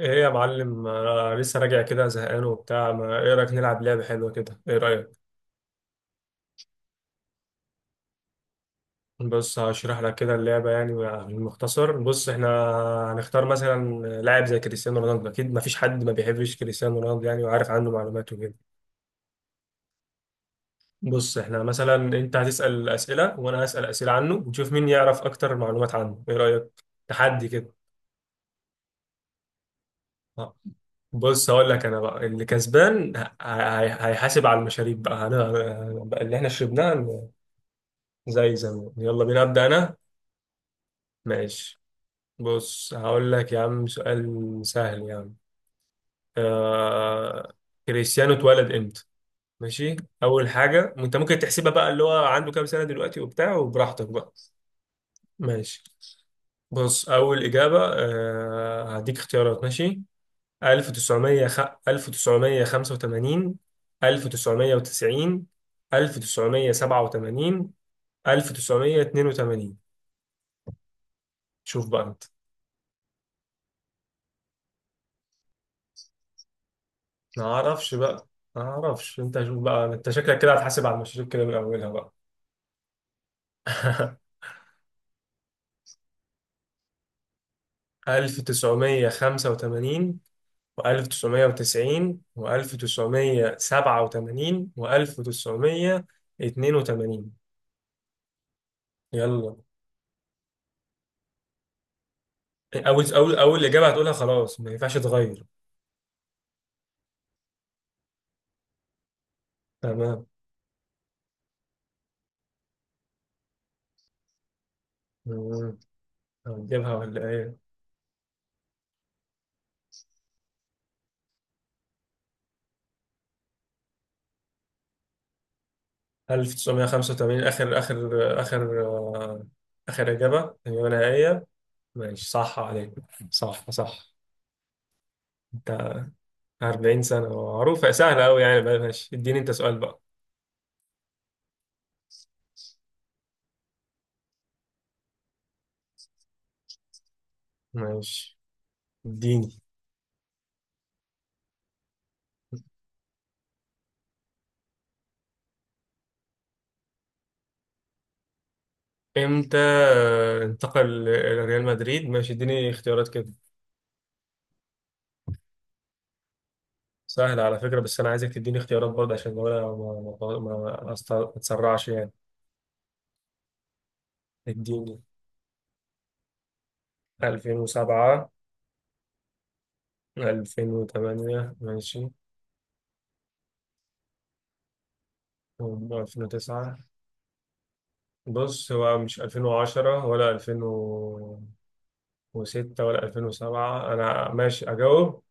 ايه يا معلم، انا لسه راجع كده زهقان وبتاع. ما ايه رايك نلعب لعبه حلوه كده؟ ايه رايك؟ بص هشرح لك كده اللعبه، بالمختصر. بص احنا هنختار مثلا لاعب زي كريستيانو رونالدو. اكيد ما فيش حد ما بيحبش كريستيانو رونالدو، وعارف عنه معلومات وكده. بص احنا مثلا انت هتسال اسئله وانا هسال اسئله عنه، ونشوف مين يعرف اكتر معلومات عنه. ايه رايك؟ تحدي كده. آه. بص هقول لك، انا بقى اللي كسبان هيحاسب على المشاريب بقى، بقى اللي احنا شربناها. زي زمان، يلا بينا، أبدأ أنا. ماشي، بص هقول لك يا عم سؤال سهل يا عم. آه... كريستيانو اتولد امتى؟ ماشي. أول حاجة أنت ممكن تحسبها بقى، اللي هو عنده كام سنة دلوقتي وبتاع، وبراحتك بقى. ماشي، بص أول إجابة، هديك اختيارات، ماشي؟ 1900 1985، 1990، 1987، 1982. شوف بقى أنت. ما اعرفش بقى، ما اعرفش. انت شوف بقى، انت شكلك كده هتحاسب على المشاريب كده من اولها بقى. 1985 و1990 و1987 و1982، يلا. اول اجابه هتقولها خلاص، ما ينفعش تغير. تمام. مم. هنجيبها ولا ايه؟ 1985 اخر. اخر اجابه، اجابه نهائيه. ماشي، صح عليك، صح صح. انت، 40 سنة معروفة سهلة أوي بقى. ماشي، اديني أنت سؤال بقى. ماشي، اديني. امتى انتقل لريال مدريد؟ ماشي، اديني اختيارات كده. سهلة على فكرة، بس أنا عايزك تديني اختيارات برضه، عشان لو أنا ما أتسرعش اديني. 2007، 2008، ماشي، 2009. بص، هو مش 2010 ولا 2006 ولا 2007. أنا ماشي أجاوب.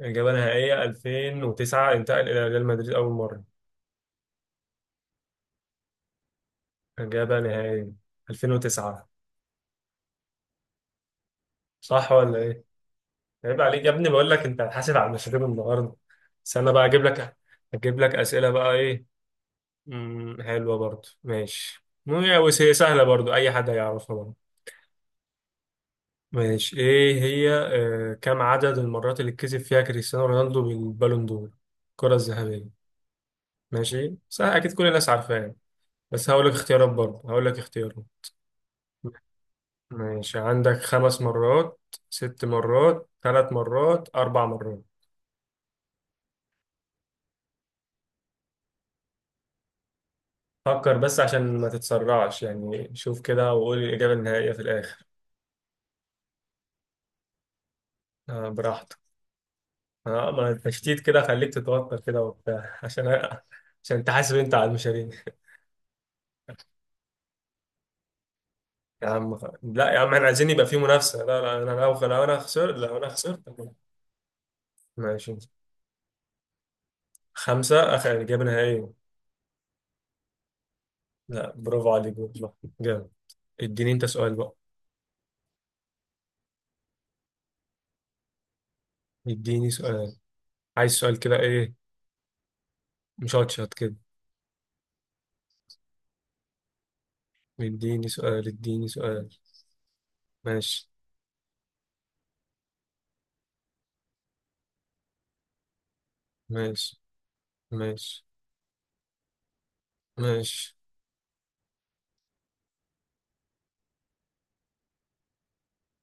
إجابة نهائية 2009، انتقل إلى ريال مدريد أول مرة. إجابة نهائية 2009. صح ولا إيه؟ عيب عليك يا ابني، بقول لك أنت هتحاسب على المشاريب النهاردة. بس أنا بقى أجيب لك، أجيب لك أسئلة بقى. إيه؟ مم. حلوة برضه، ماشي. بس هي سهلة برضه، أي حد هيعرفها برضه. ماشي، إيه هي، كم عدد المرات اللي كسب فيها كريستيانو رونالدو بالبالون دور؟ الكرة الذهبية. ماشي؟ سهل، أكيد كل الناس عارفاها. بس هقول لك اختيارات برضه، هقول لك اختيارات. ماشي، عندك خمس مرات، ست مرات، ثلاث مرات، أربع مرات. فكر بس عشان ما تتسرعش شوف كده وقول الإجابة النهائية في الآخر. آه، براحتك. ما التشتيت كده، خليك تتوتر كده وبتاع عشان عشان تحاسب أنت على المشاريع. يا عم، لا يا عم، احنا عايزين يبقى في منافسة. لا لا، أنا لو أنا خسرت، لو أنا خسرت. ماشي، خمسة، آخر إجابة نهائية. لا، برافو عليك والله، جامد. اديني أنت سؤال بقى. اديني سؤال، عايز سؤال كده، إيه، مشطشط كده. اديني سؤال، اديني سؤال. ماشي، ماشي، ماشي، ماشي.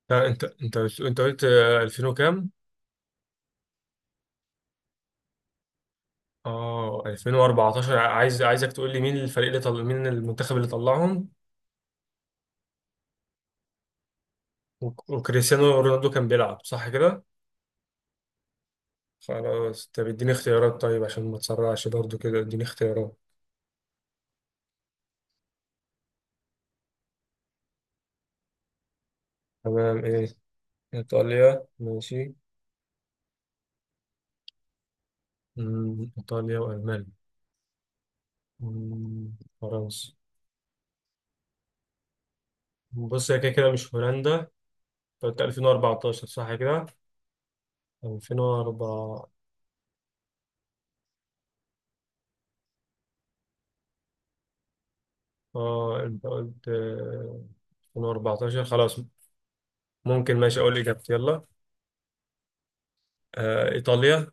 لا، انت قلت 2000 وكام؟ اه، 2014. عايز، عايزك تقول لي مين الفريق اللي مين المنتخب اللي طلعهم. وكريستيانو رونالدو كان بيلعب صح كده؟ خلاص، طب اديني اختيارات طيب، عشان ما تسرعش برضو كده، اديني اختيارات. تمام، ايه، ايطاليا، ماشي. مم، ايطاليا والمانيا. مم، فرنسا. بص، هي كده كده مش هولندا. انت قلت 2014 صح كده؟ 2004. اه، انت قلت 2014، خلاص. ممكن، ماشي، اقول اجابتي يلا. ايطاليا.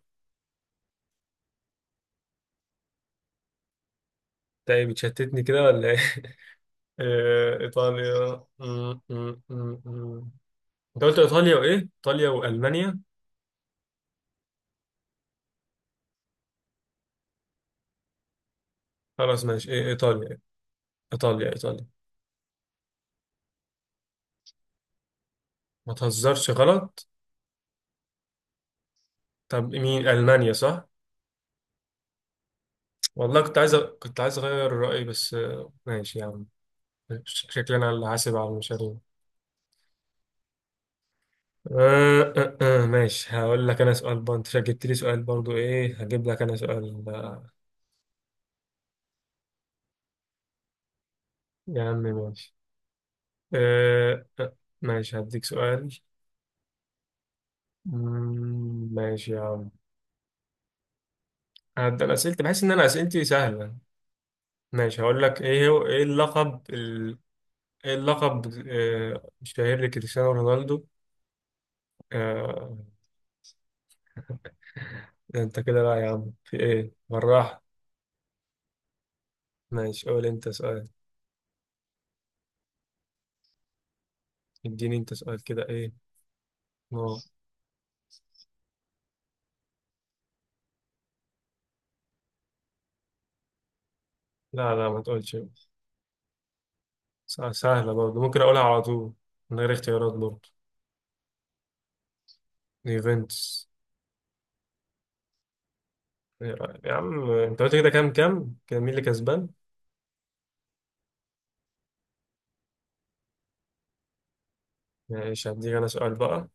تاني بتشتتني كده ولا ايه؟ ايطاليا. م- م- م- م. انت قلت ايطاليا وايه؟ ايطاليا والمانيا. خلاص، ماشي، إيه، ايطاليا. ايطاليا، ايطاليا. ما تهزرش، غلط؟ طب مين، المانيا صح؟ والله كنت عايز كنت عايز اغير رايي، بس ماشي يا عم. شكلنا اللي حاسب على المشاريع. ماشي، هقول لك انا سؤال برضه، انت جبت لي سؤال برضه، ايه، هجيب لك انا سؤال. يا عم ماشي. آه آه ماشي، هديك سؤال. مم، ماشي يا عم. هبدأ اسئلتي، بحس ان انا اسئلتي سهلة. ماشي، هقول لك ايه هو، ايه ايه اللقب الشهير لكريستيانو رونالدو؟ آه. انت كده بقى يا عم، في ايه، بالراحة. ماشي، قول انت سؤال. اديني انت سؤال كده، ايه؟ اه، لا لا، ما تقولش. سهلة برضه، ممكن أقولها على طول من غير اختيارات برضه. يوفنتوس. إيه رأيك؟ يا عم أنت قلت كده، كام كام؟ كان مين اللي كسبان؟ ماشي، هديك أنا سؤال بقى.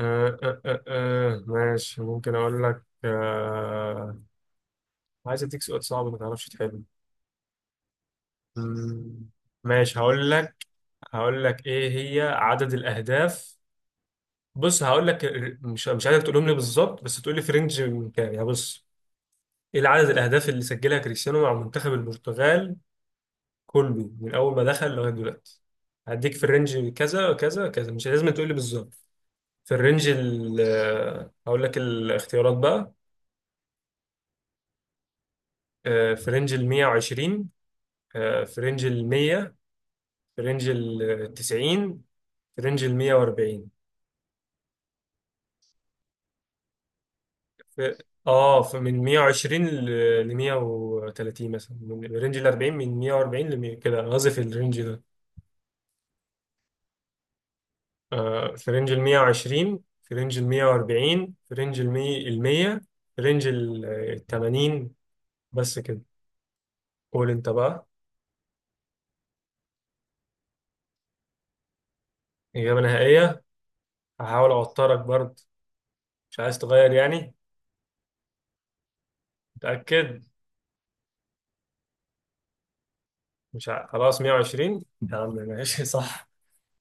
ماشي، ممكن أقول لك آه. عايز أديك سؤال صعب ما تعرفش تحله. مم. ماشي، هقول لك، هقول لك إيه هي عدد الأهداف. بص هقول لك مش، عايزك تقولهم لي بالظبط، بس تقول لي في رينج من كام، يعني بص، إيه عدد الأهداف اللي سجلها كريستيانو مع منتخب البرتغال كله، من اول ما دخل لغايه دلوقتي؟ هديك في الرينج، كذا كذا كذا، مش لازم تقول لي بالظبط، في الرينج ال، هقول لك الاختيارات بقى. في رينج ال 120، في رينج ال 100، في رينج ال 90، في رينج ال 140. في، اه، في من 120 ل 130 مثلا، من رينج ال 40، من 140 ل 100، كده أنا قصدي في الرينج ده. في رينج ال 120، في رينج ال 140، في رينج ال 100، ال 100، في رينج ال 80، بس كده. قول انت بقى. إجابة نهائية؟ هحاول أوترك برضه. مش عايز تغير يعني؟ متأكد؟ مش ع... خلاص، 120. يا عم ماشي، صح؟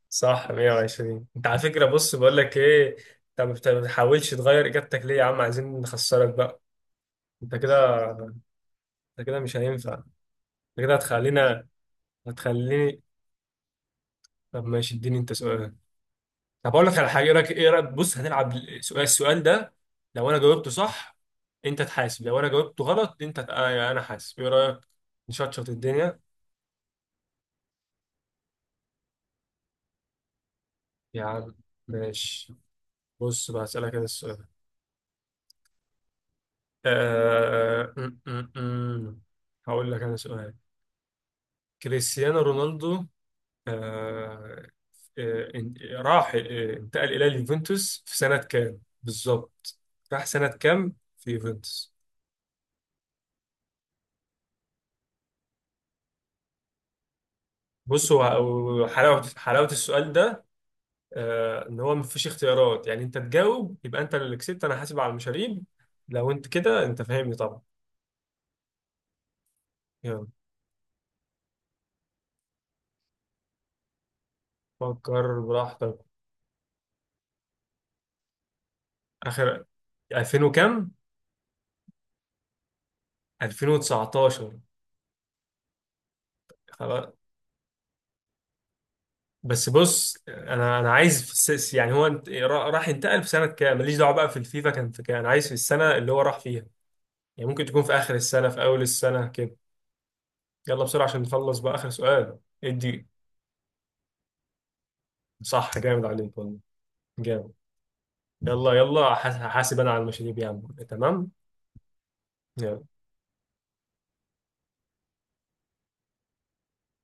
صح، 120. انت على فكرة، بص بقول لك ايه، انت ما بتحاولش تغير إجابتك ليه يا عم؟ عايزين نخسرك بقى. انت كده، انت كده مش هينفع. انت كده هتخلينا، هتخليني. طب ماشي، اديني انت سؤال. طب اقول لك على حاجه، ايه رايك؟ ايه رايك، بص هنلعب السؤال، السؤال ده لو انا جاوبته صح، انت تحاسب، لو انا جاوبته غلط، انت يعني انا حاسب. ايه رايك، نشطشط الدنيا؟ يا عم ماشي. بص بقى، اسالك انا السؤال. آه... م- م- م. هقول لك انا سؤال. كريستيانو رونالدو، آه... آه... إن- راح آه، انتقل الى اليوفنتوس في سنه كام بالظبط؟ راح سنه كام في يوفنتوس؟ بص، هو حلاوه، حلاوه السؤال ده، ان هو مفيش اختيارات، يعني انت تجاوب يبقى انت اللي كسبت، انا حاسب على المشاريب لو انت كده. انت فاهمني طبعا. يلا. فكر براحتك. اخر، 2000 وكام؟ 2019. خلاص. بس بص، انا عايز في السيس، يعني هو راح ينتقل في سنه كام. ماليش دعوه بقى في الفيفا كان في كام، انا عايز في السنه اللي هو راح فيها، يعني ممكن تكون في اخر السنه، في اول السنه كده. يلا بسرعه عشان نخلص بقى، اخر سؤال. ادي. صح، جامد عليك والله، جامد. يلا يلا، حاسب انا على المشاريب يا عم. تمام، يلا.